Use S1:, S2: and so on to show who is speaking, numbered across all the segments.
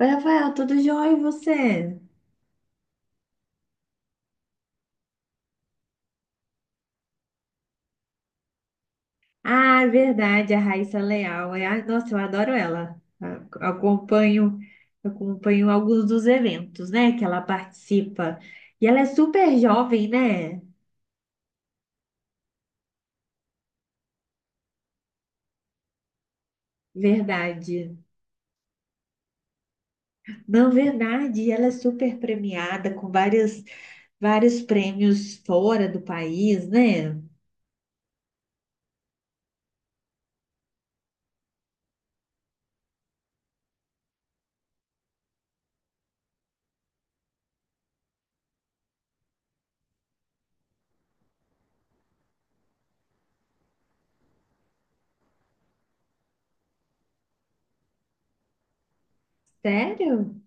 S1: Oi, Rafael, tudo jóia e você? Ah, é verdade, a Raíssa é Leal. Nossa, eu adoro ela. Acompanho alguns dos eventos, né, que ela participa. E ela é super jovem, né? Verdade. Não, verdade, ela é super premiada com vários, vários prêmios fora do país, né? Sério?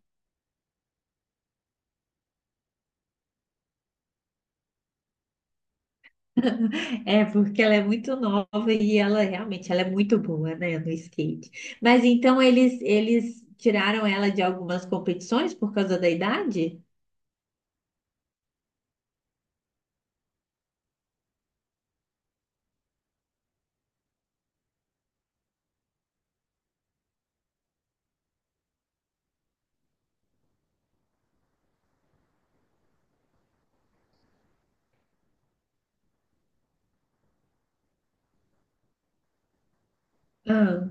S1: É, porque ela é muito nova e ela realmente ela é muito boa, né, no skate. Mas então eles tiraram ela de algumas competições por causa da idade? Ah,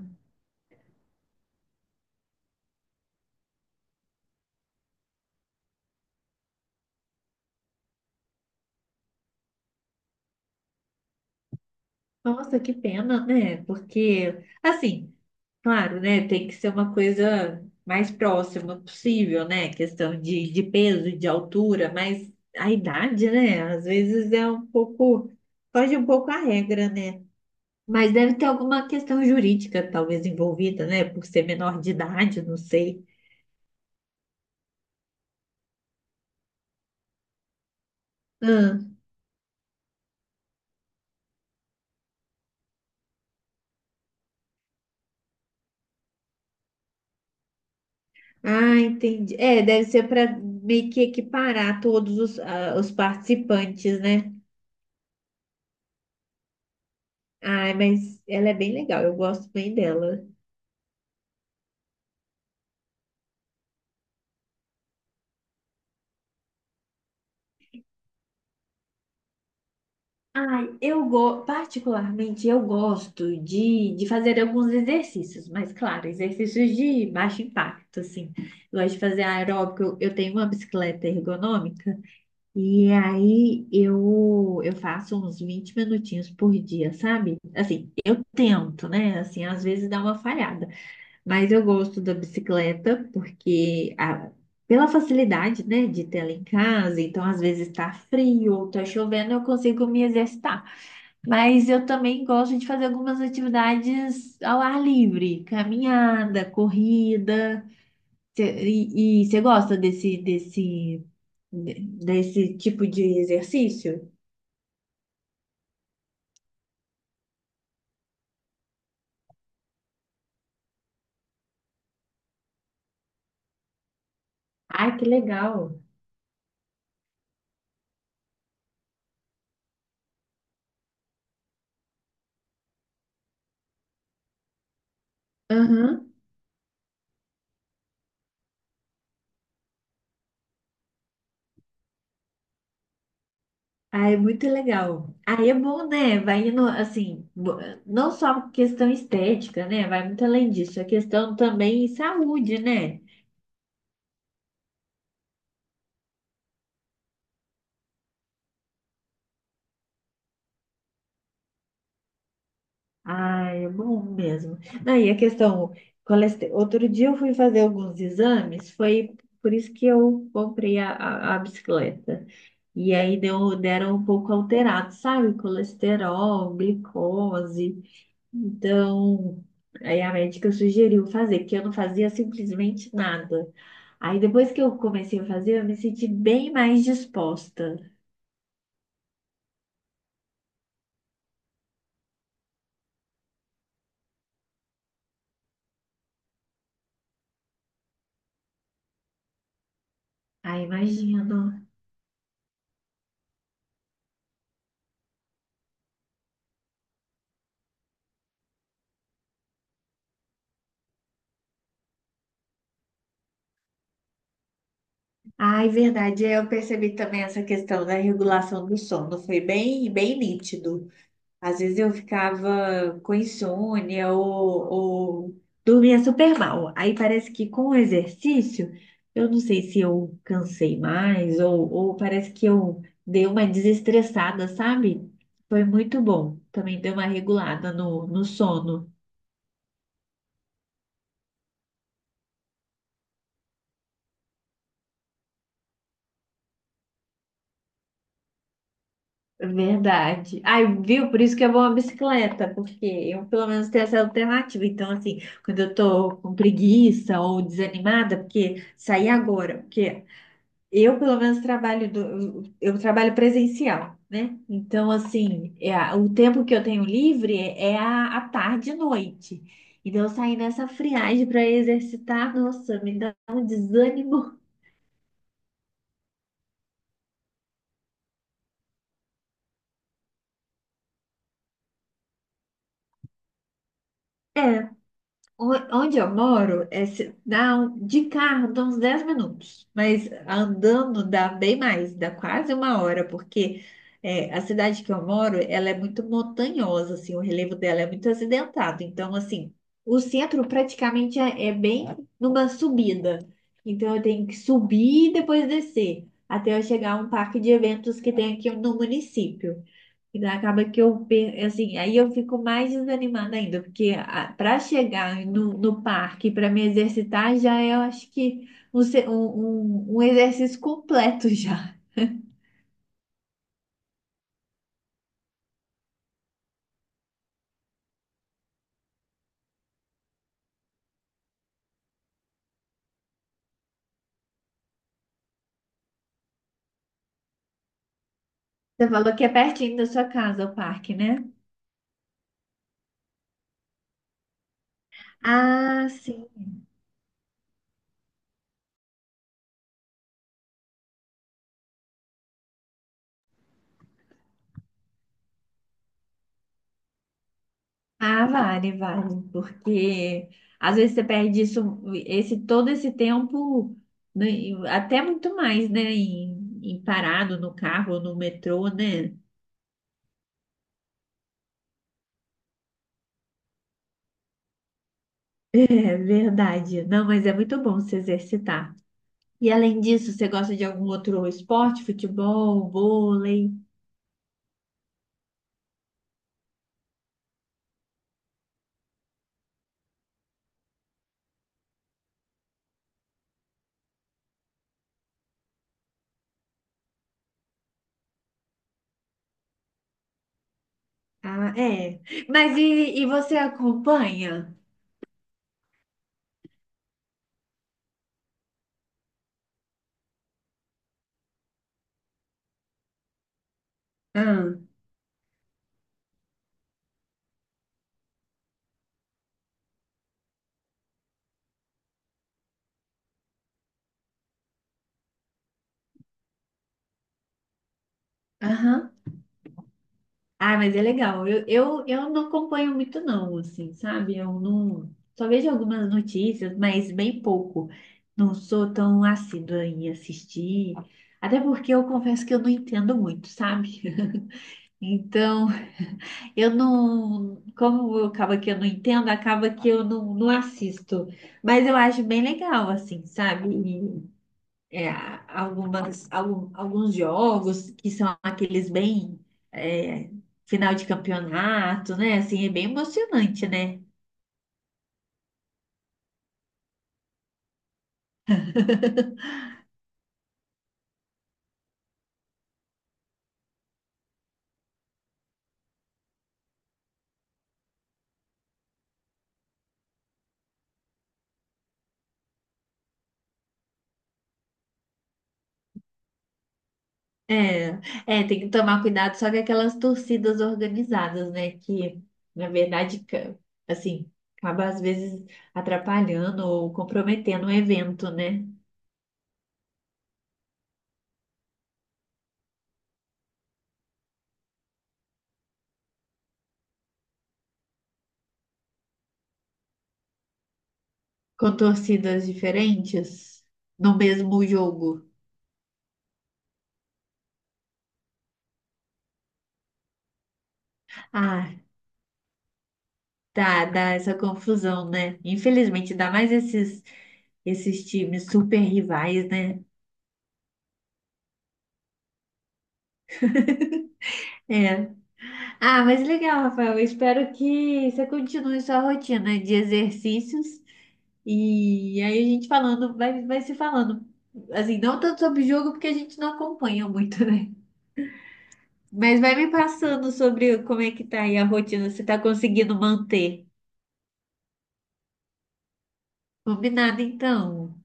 S1: nossa, que pena, né? Porque assim, claro, né, tem que ser uma coisa mais próxima possível, né? Questão de peso, de altura, mas a idade, né, às vezes é um pouco foge um pouco a regra, né? Mas deve ter alguma questão jurídica, talvez, envolvida, né? Por ser menor de idade, não sei. Ah, ah, entendi. É, deve ser para meio que equiparar todos os participantes, né? Ai, mas ela é bem legal, eu gosto bem dela. Ai, particularmente eu gosto de fazer alguns exercícios, mas claro, exercícios de baixo impacto, assim. Eu gosto de fazer aeróbico, eu tenho uma bicicleta ergonômica. E aí eu faço uns 20 minutinhos por dia, sabe? Assim, eu tento, né? Assim, às vezes dá uma falhada, mas eu gosto da bicicleta pela facilidade, né, de ter ela em casa, então às vezes tá frio ou tá chovendo, eu consigo me exercitar. Mas eu também gosto de fazer algumas atividades ao ar livre, caminhada, corrida. E você gosta desse tipo de exercício. Ai, que legal. Aham. Ah, é muito legal. Aí é bom, né? Vai indo, assim, não só questão estética, né? Vai muito além disso. A questão também em saúde, né? Ah, é bom mesmo. Não, e a questão, outro dia eu fui fazer alguns exames, foi por isso que eu comprei a bicicleta. E aí deram um pouco alterado, sabe? Colesterol, glicose. Então, aí a médica sugeriu fazer, porque eu não fazia simplesmente nada. Aí depois que eu comecei a fazer, eu me senti bem mais disposta. Ai, imagino. Ai, verdade, eu percebi também essa questão da regulação do sono, foi bem, bem nítido. Às vezes eu ficava com insônia ou dormia super mal. Aí parece que com o exercício, eu não sei se eu cansei mais ou parece que eu dei uma desestressada, sabe? Foi muito bom. Também deu uma regulada no sono. Verdade. Ai, viu? Por isso que é bom a bicicleta, porque eu pelo menos tenho essa alternativa. Então, assim, quando eu tô com preguiça ou desanimada, porque sair agora, porque eu, pelo menos, trabalho do, eu trabalho presencial, né? Então, assim, o tempo que eu tenho livre é a tarde e noite. Então, sair nessa friagem para exercitar, nossa, me dá um desânimo. É, Onde eu moro, de carro dá uns 10 minutos, mas andando dá bem mais, dá quase uma hora, porque é, a cidade que eu moro, ela é muito montanhosa, assim, o relevo dela é muito acidentado. Então, assim, o centro praticamente é bem numa subida. Então, eu tenho que subir e depois descer, até eu chegar a um parque de eventos que tem aqui no município. E daí acaba que assim, aí eu fico mais desanimada ainda, porque para chegar no parque, para me exercitar, já é, eu acho que um exercício completo já. Você falou que é pertinho da sua casa o parque, né? Ah, sim. Ah, vale, vale, porque às vezes você perde isso, esse, todo esse tempo, né, e até muito mais, né? Em parado no carro, no metrô, né? É verdade. Não, mas é muito bom se exercitar. E além disso, você gosta de algum outro esporte? Futebol, vôlei? Ah, é. Mas e você acompanha? Ah, aham. Ah, mas é legal. Eu não acompanho muito não, assim, sabe? Eu não... Só vejo algumas notícias, mas bem pouco. Não sou tão assídua em assistir. Até porque eu confesso que eu não entendo muito, sabe? Então, eu não, como eu acaba que eu não entendo, acaba que eu não assisto. Mas eu acho bem legal, assim, sabe? E, é, alguns jogos que são aqueles bem, é, final de campeonato, né? Assim, é bem emocionante, né? É, é, tem que tomar cuidado só com aquelas torcidas organizadas, né? Que, na verdade, assim, acaba às vezes atrapalhando ou comprometendo o evento, né? Com torcidas diferentes no mesmo jogo. Ah, tá, dá essa confusão, né? Infelizmente, dá mais esses times super rivais, né? É. Ah, mas legal, Rafael. Eu espero que você continue sua rotina de exercícios. E aí a gente falando, vai se falando. Assim, não tanto sobre jogo, porque a gente não acompanha muito, né? Mas vai me passando sobre como é que tá aí a rotina, se tá conseguindo manter. Combinado, então.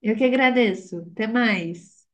S1: Eu que agradeço. Até mais.